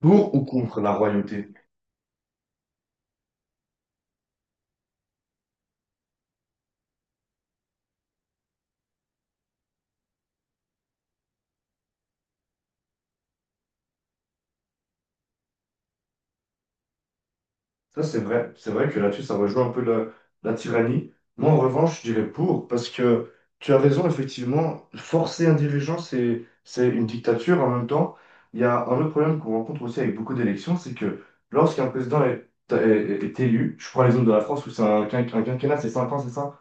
Pour ou contre la royauté. Ça, c'est vrai. C'est vrai que là-dessus, ça rejoint un peu la tyrannie. Moi, en revanche, je dirais pour, parce que tu as raison, effectivement, forcer un dirigeant, c'est une dictature. En même temps, il y a un autre problème qu'on rencontre aussi avec beaucoup d'élections, c'est que lorsqu'un président est élu, je prends l'exemple de la France où c'est un quinquennat, c'est 5 ans, c'est ça?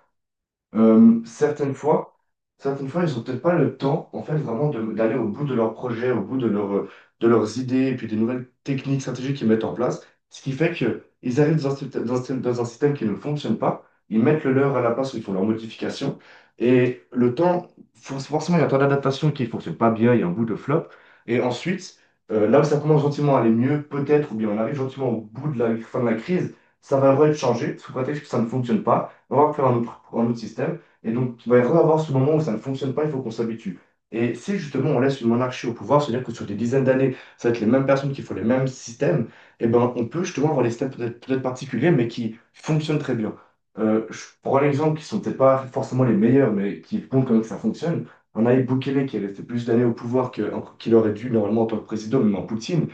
Euh, certaines fois, certaines fois, ils n'ont peut-être pas le temps, en fait, vraiment d'aller au bout de leurs projets, au bout de, de leurs idées, et puis des nouvelles techniques, stratégies qu'ils mettent en place. Ce qui fait qu'ils arrivent dans un, syst- dans un système qui ne fonctionne pas, ils mettent le leur à la place où ils font leurs modifications. Et le temps, forcément, il y a un temps d'adaptation qui ne fonctionne pas bien, il y a un bout de flop. Et ensuite, là où ça commence gentiment à aller mieux, peut-être, ou bien on arrive gentiment au bout de la fin de la crise, ça va vraiment être changé, sous prétexte que ça ne fonctionne pas. On va faire un autre système. Et donc, il va y avoir ce moment où ça ne fonctionne pas, il faut qu'on s'habitue. Et si justement on laisse une monarchie au pouvoir, c'est-à-dire que sur des dizaines d'années, ça va être les mêmes personnes qui font les mêmes systèmes, eh ben, on peut justement avoir des systèmes peut-être particuliers, mais qui fonctionnent très bien. Je prends un exemple qui sont peut-être pas forcément les meilleurs, mais qui font quand même que ça fonctionne. On a Bukele qui est resté plus d'années au pouvoir qu'il aurait dû normalement en tant que président, même en Poutine.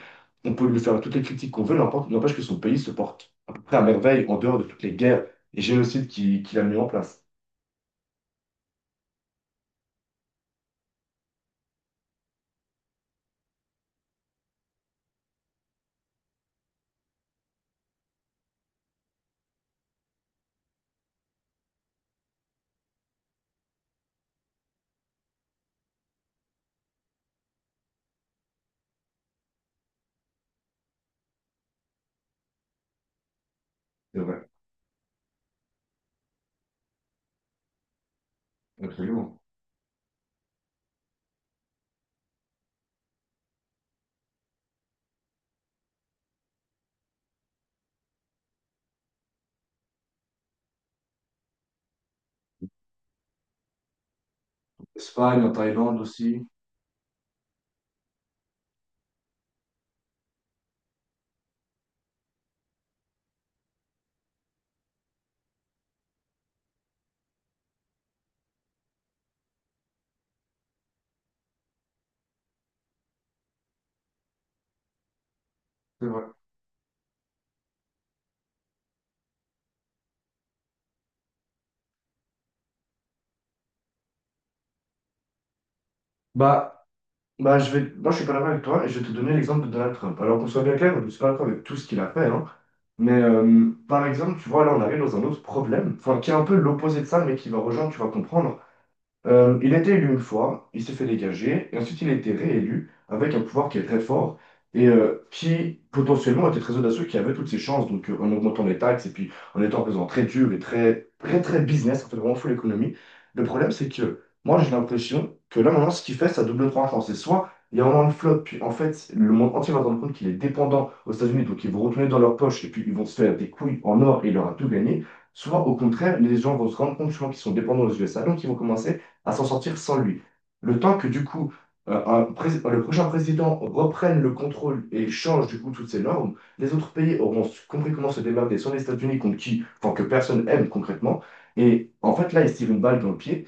On peut lui faire toutes les critiques qu'on veut, n'empêche que son pays se porte à peu près à merveille en dehors de toutes les guerres et j'ai le site qui l'a mis en place. C'est vrai, absolument. Espagne, en Thaïlande aussi, c'est vrai. Bah, bah, je vais... Moi, je suis pas d'accord avec toi et je vais te donner l'exemple de Donald Trump. Alors qu'on soit bien clair, je ne suis pas d'accord avec tout ce qu'il a fait, hein. Mais par exemple, tu vois, là, on arrive dans un autre problème, enfin, qui est un peu l'opposé de ça, mais qui va rejoindre, tu vas comprendre. Il a été élu une fois, il s'est fait dégager, et ensuite il a été réélu avec un pouvoir qui est très fort et qui potentiellement était très audacieux, qui avait toutes ses chances, donc en augmentant les taxes et puis en étant présent très dur et très très très business, en fait vraiment full économie. Le problème c'est que moi j'ai l'impression que là maintenant ce qu'il fait, ça double tranchant. C'est soit il y a vraiment une flotte, puis en fait le monde entier va se rendre compte qu'il est dépendant aux États-Unis, donc ils vont retourner dans leur poche et puis ils vont se faire des couilles en or et il aura tout gagné. Soit au contraire, les gens vont se rendre compte justement qu'ils sont dépendants aux USA, donc ils vont commencer à s'en sortir sans lui. Le temps que du coup le prochain président reprenne le contrôle et change du coup toutes ces normes, les autres pays auront compris comment se démerder sans les États-Unis contre qui, enfin que personne aime concrètement. Et en fait là, ils se tirent une balle dans le pied.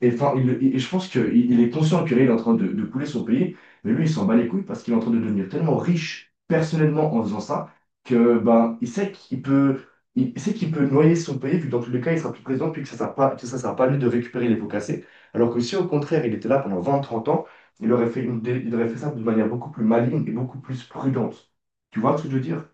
Et, enfin, je pense qu'il il est conscient que là, il est en train de couler son pays, mais lui, il s'en bat les couilles parce qu'il est en train de devenir tellement riche personnellement en faisant ça que ben, il sait qu'il peut noyer son pays, vu que dans tous les cas, il sera plus président, puis que ça sert pas à lui de récupérer les pots cassés. Alors que si au contraire, il était là pendant vingt trente ans, il aurait fait ça de manière beaucoup plus maligne et beaucoup plus prudente. Tu vois ce que je veux dire?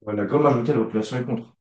Ouais, comme d'accord. Majorité de la population est contre.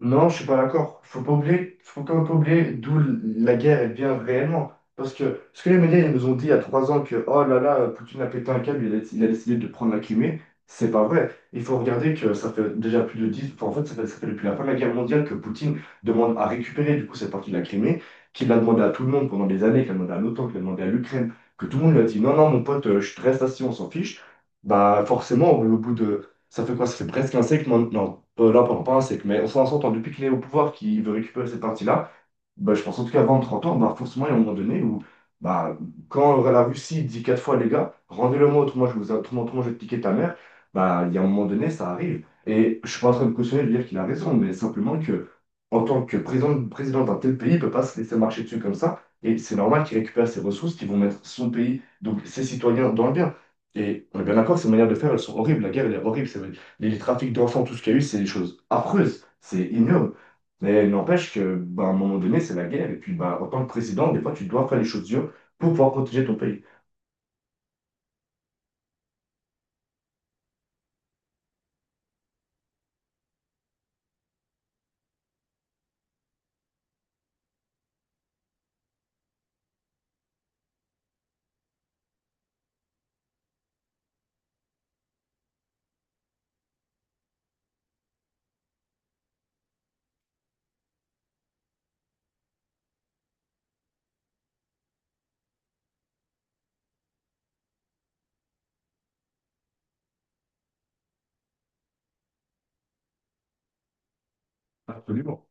Non, je suis pas d'accord. Faut pas oublier d'où la guerre elle vient réellement. Parce que ce que les médias ils nous ont dit il y a 3 ans que oh là là, Poutine a pété un câble, il a décidé de prendre la Crimée, c'est pas vrai. Il faut regarder que ça fait déjà plus de 10, enfin, en fait, ça fait depuis la fin de la guerre mondiale que Poutine demande à récupérer du coup cette partie de la Crimée, qu'il l'a demandé à tout le monde pendant des années, qu'il a demandé à l'OTAN, qu'il a demandé à l'Ukraine, que tout le monde lui a dit non, non, mon pote, je te reste assis, on s'en fiche. Bah forcément, au bout de. Ça fait quoi? Ça fait presque un siècle maintenant. Là, pendant pas, c'est que, mais on s'en entend depuis qu'il est au pouvoir, qu'il veut récupérer cette partie-là, bah, je pense en tout cas avant 30 ans, bah, forcément, il y a un moment donné où, bah, quand la Russie dit 4 fois, les gars, rendez-le-moi, autrement, autrement, je vais te piquer ta mère, bah, il y a un moment donné, ça arrive. Et je suis pas en train de cautionner de dire qu'il a raison, mais simplement que en tant que président, président d'un tel pays, il ne peut pas se laisser marcher dessus comme ça. Et c'est normal qu'il récupère ses ressources qu'ils vont mettre son pays, donc ses citoyens, dans le bien. Et on est bien d'accord, que ces manières de faire, elles sont horribles. La guerre, elle est horrible. Les trafics d'enfants, tout ce qu'il y a eu, c'est des choses affreuses. C'est ignoble. Mais il n'empêche que, bah, à un moment donné, c'est la guerre. Et puis, bah, en tant que président, des fois, tu dois faire les choses dures pour pouvoir protéger ton pays. Absolument.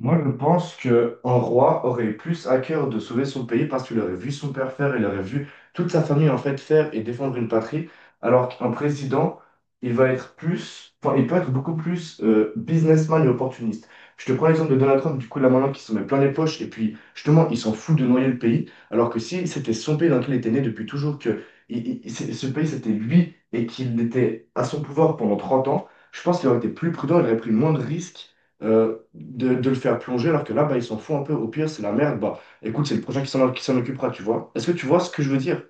Moi, je pense que un roi aurait plus à cœur de sauver son pays parce qu'il aurait vu son père faire, il aurait vu toute sa famille en fait faire et défendre une patrie, alors qu'un président, il va être plus, enfin, il peut être beaucoup plus businessman et opportuniste. Je te prends l'exemple de Donald Trump, du coup, là maintenant, qui se met plein les poches et puis justement, il s'en fout de noyer le pays, alors que si c'était son pays dans lequel il était né depuis toujours, que ce pays c'était lui et qu'il était à son pouvoir pendant 30 ans, je pense qu'il aurait été plus prudent, il aurait pris moins de risques de le faire plonger, alors que là, bah, ils s'en foutent un peu. Au pire, c'est la merde. Bah, écoute, c'est le prochain qui s'en occupera, tu vois. Est-ce que tu vois ce que je veux dire?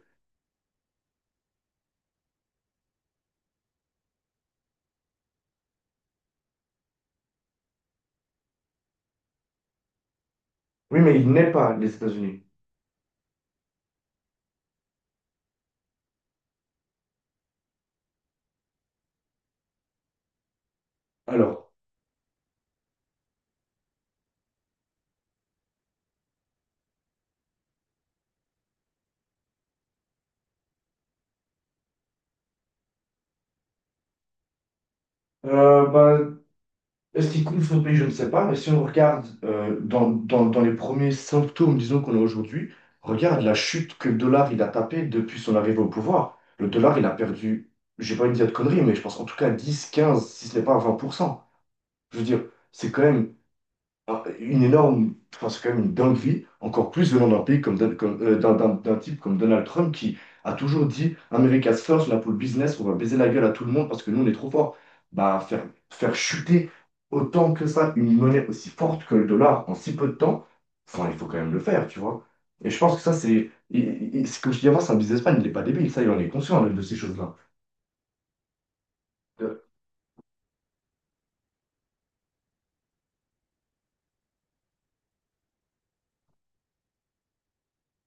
Oui, mais il n'est pas les États-Unis. Alors, bah, est-ce qu'il coule son pays? Je ne sais pas. Mais si on regarde dans les premiers symptômes, disons, qu'on a aujourd'hui, regarde la chute que le dollar il a tapé depuis son arrivée au pouvoir. Le dollar, il a perdu, j'ai pas envie de dire de conneries, mais je pense en tout cas 10 15 si ce n'est pas 20%. Je veux dire, c'est quand même. Alors, une énorme, enfin, c'est quand même une dinguerie, encore plus venant d'un pays comme, d'un type comme Donald Trump qui a toujours dit America's first, là pour le business, on va baiser la gueule à tout le monde parce que nous on est trop fort. Bah, faire chuter autant que ça une monnaie aussi forte que le dollar en si peu de temps, enfin, il faut quand même le faire, tu vois. Et je pense que ça, c'est, c'est comme je dis avant, c'est un businessman, il n'est pas débile, ça, il en est conscient de ces choses-là. Euh,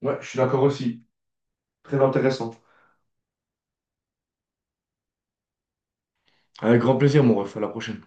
Ouais, je suis d'accord aussi. Très intéressant. Avec grand plaisir, mon ref, à la prochaine.